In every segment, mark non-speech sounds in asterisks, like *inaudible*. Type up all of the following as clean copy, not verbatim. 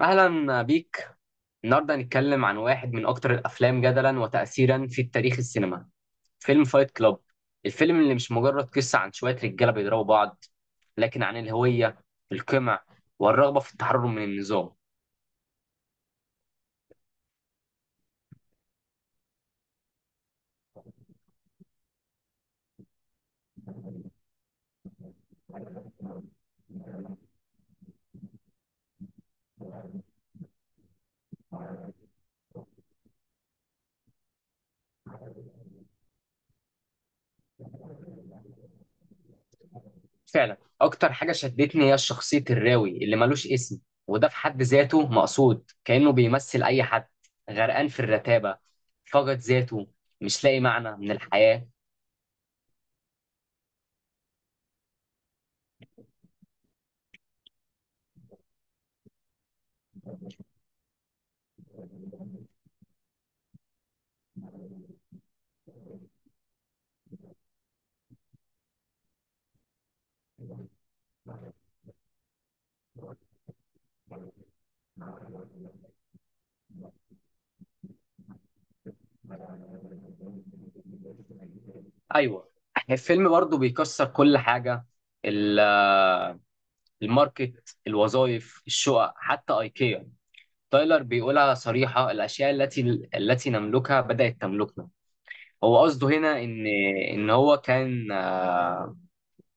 أهلا بيك. النهاردة هنتكلم عن واحد من أكتر الأفلام جدلا وتأثيرا في تاريخ السينما، فيلم فايت كلاب. الفيلم اللي مش مجرد قصة عن شوية رجالة بيضربوا بعض، لكن عن الهوية، القمع، والرغبة في التحرر من النظام. فعلا أكتر حاجة شدتني هي شخصية الراوي اللي ملوش اسم، وده في حد ذاته مقصود، كأنه بيمثل أي حد غرقان في الرتابة، فقد ذاته، مش لاقي معنى من الحياة. ايوه، الفيلم برضو بيكسر كل حاجه. ال- الماركت، الوظائف، الشقق، حتى ايكيا. تايلر بيقولها صريحه: الاشياء التي نملكها بدات تملكنا. هو قصده هنا ان ان هو كان آه،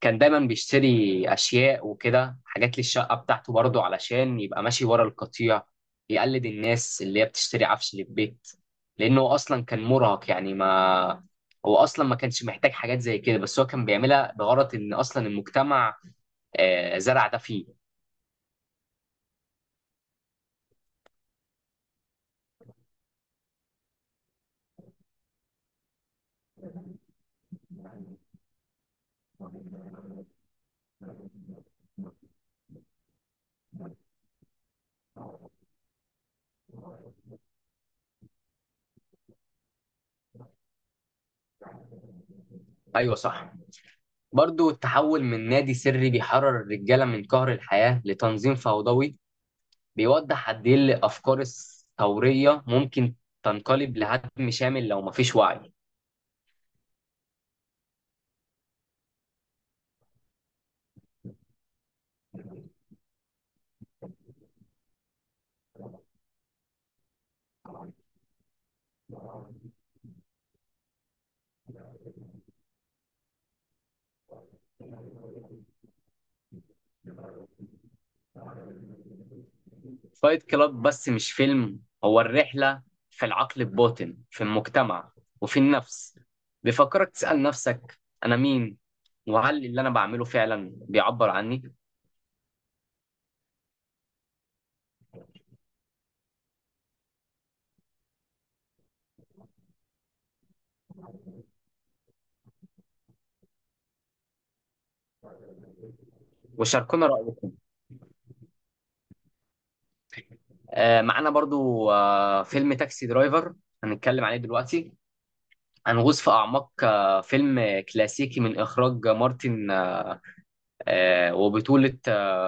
كان دايما بيشتري اشياء وكده، حاجات للشقه بتاعته برضه علشان يبقى ماشي ورا القطيع، يقلد الناس اللي هي بتشتري عفش للبيت، لانه اصلا كان مراهق. يعني ما هو اصلا ما كانش محتاج حاجات زي كده، بس هو كان بيعملها بغرض ان اصلا المجتمع زرع ده فيه. ايوه صح. برضه التحول من نادي سري بيحرر الرجاله من قهر الحياه لتنظيم فوضوي بيوضح قد ايه الافكار الثوريه ممكن تنقلب لهدم شامل لو مفيش وعي. فايت كلاب بس مش فيلم، هو الرحلة في العقل الباطن، في المجتمع، وفي النفس. بيفكرك تسأل نفسك: أنا مين؟ وهل اللي أنا بعمله فعلا بيعبر عني؟ وشاركونا رأيكم. آه، معانا برضو آه فيلم تاكسي درايفر، هنتكلم عليه دلوقتي. هنغوص في أعماق آه فيلم كلاسيكي من إخراج مارتن آه، وبطولة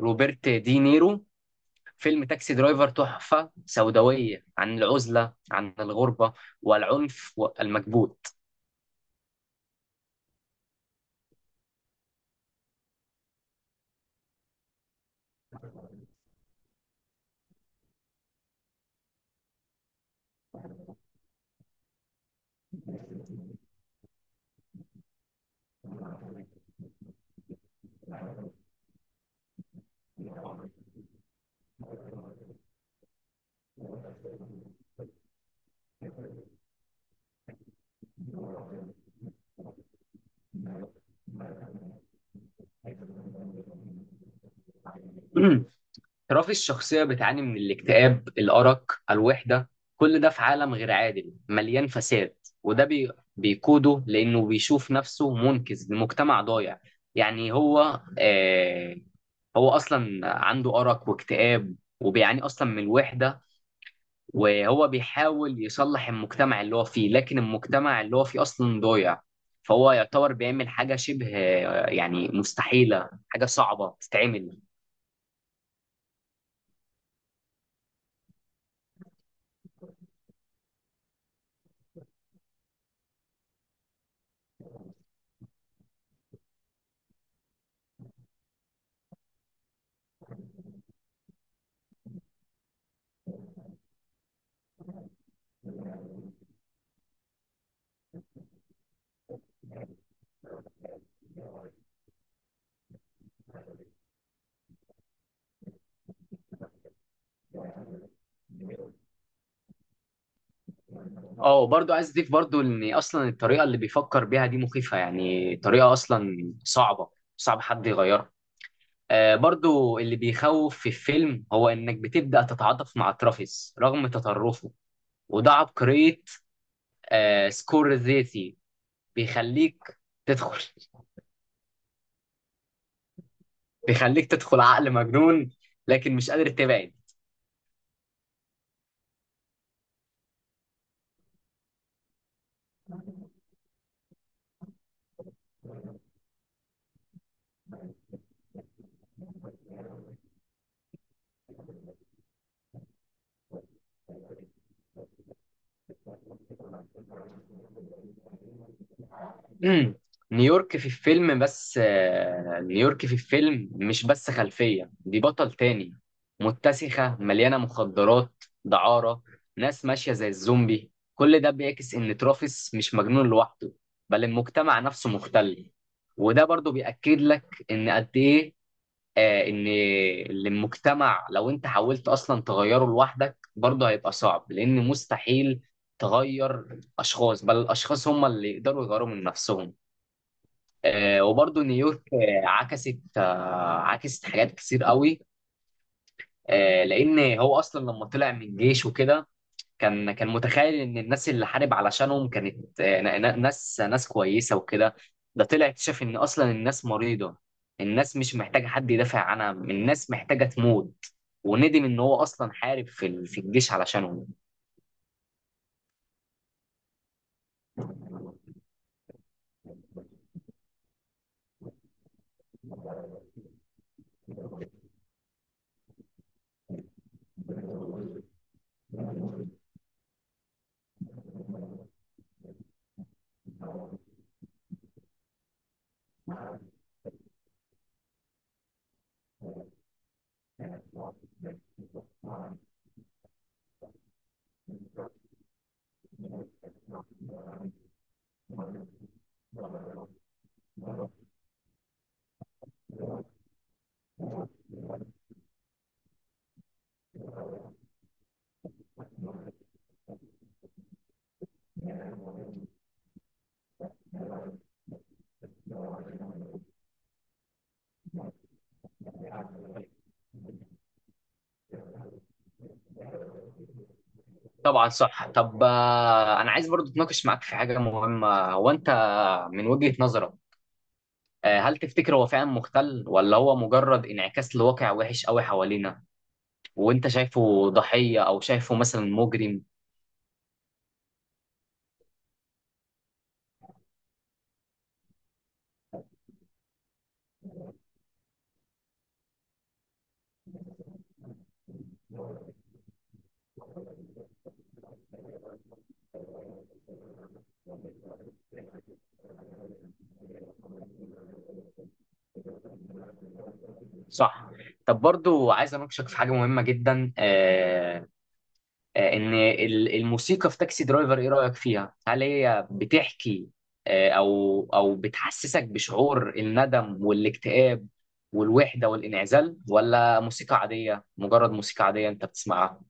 روبرت دي نيرو. فيلم تاكسي درايفر تحفة سوداوية عن العزلة، عن الغربة، والعنف والمكبوت. *clears throat* رافي الشخصية بتعاني من الاكتئاب، الأرق، الوحدة، كل ده في عالم غير عادل مليان فساد. وده بي... بيقوده لأنه بيشوف نفسه منقذ لمجتمع ضايع. يعني هو آه... هو أصلا عنده أرق واكتئاب وبيعاني أصلا من الوحدة، وهو بيحاول يصلح المجتمع اللي هو فيه، لكن المجتمع اللي هو فيه أصلا ضايع، فهو يعتبر بيعمل حاجة شبه يعني مستحيلة، حاجة صعبة تتعمل. اه برضو عايز أضيف برضو إن أصلا الطريقة اللي بيفكر بيها دي مخيفة، يعني طريقة أصلا صعبة، صعب حد يغيرها. آه برضو اللي بيخوف في الفيلم هو إنك بتبدأ تتعاطف مع ترافيس رغم تطرفه، وده عبقرية آه سكورسيزي. بيخليك تدخل بيخليك تدخل عقل مجنون لكن مش قادر تبعد. مم. نيويورك في الفيلم مش بس خلفية، دي بطل تاني. متسخة، مليانة مخدرات، دعارة، ناس ماشية زي الزومبي. كل ده بيعكس إن ترافيس مش مجنون لوحده، بل المجتمع نفسه مختل. وده برضو بيأكد لك إن قد إيه آه، ان المجتمع لو انت حاولت اصلا تغيره لوحدك برضه هيبقى صعب، لان مستحيل تغير اشخاص، بل الاشخاص هم اللي يقدروا يغيروا من نفسهم. وبرضه نيويورك عكست عكست حاجات كتير قوي، لان هو اصلا لما طلع من الجيش وكده كان متخيل ان الناس اللي حارب علشانهم كانت ناس كويسه وكده. ده طلع اكتشف ان اصلا الناس مريضه، الناس مش محتاجه حد يدافع عنها، الناس محتاجه تموت، وندم ان هو اصلا حارب في الجيش علشانهم. طبعا صح. طب انا عايز برضو اتناقش معاك في حاجه مهمه. هو انت من وجهه نظرك هل تفتكر هو فعلا مختل ولا هو مجرد انعكاس لواقع وحش قوي حوالينا؟ وانت شايفه ضحيه او شايفه مثلا مجرم؟ صح. طب برضو عايز اناقشك في حاجه مهمه جدا الموسيقى في تاكسي درايفر ايه رأيك فيها؟ هل هي بتحكي او بتحسسك بشعور الندم والاكتئاب والوحدة والانعزال، ولا موسيقى عادية، مجرد موسيقى عادية انت بتسمعها؟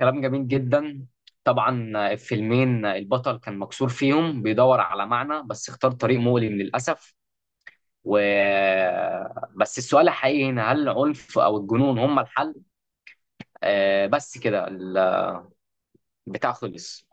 كلام جميل جدا. طبعا الفيلمين البطل كان مكسور فيهم، بيدور على معنى، بس اختار طريق مؤلم للأسف. و بس السؤال الحقيقي هنا: هل العنف او الجنون هم الحل؟ بس كده، البتاع خلص.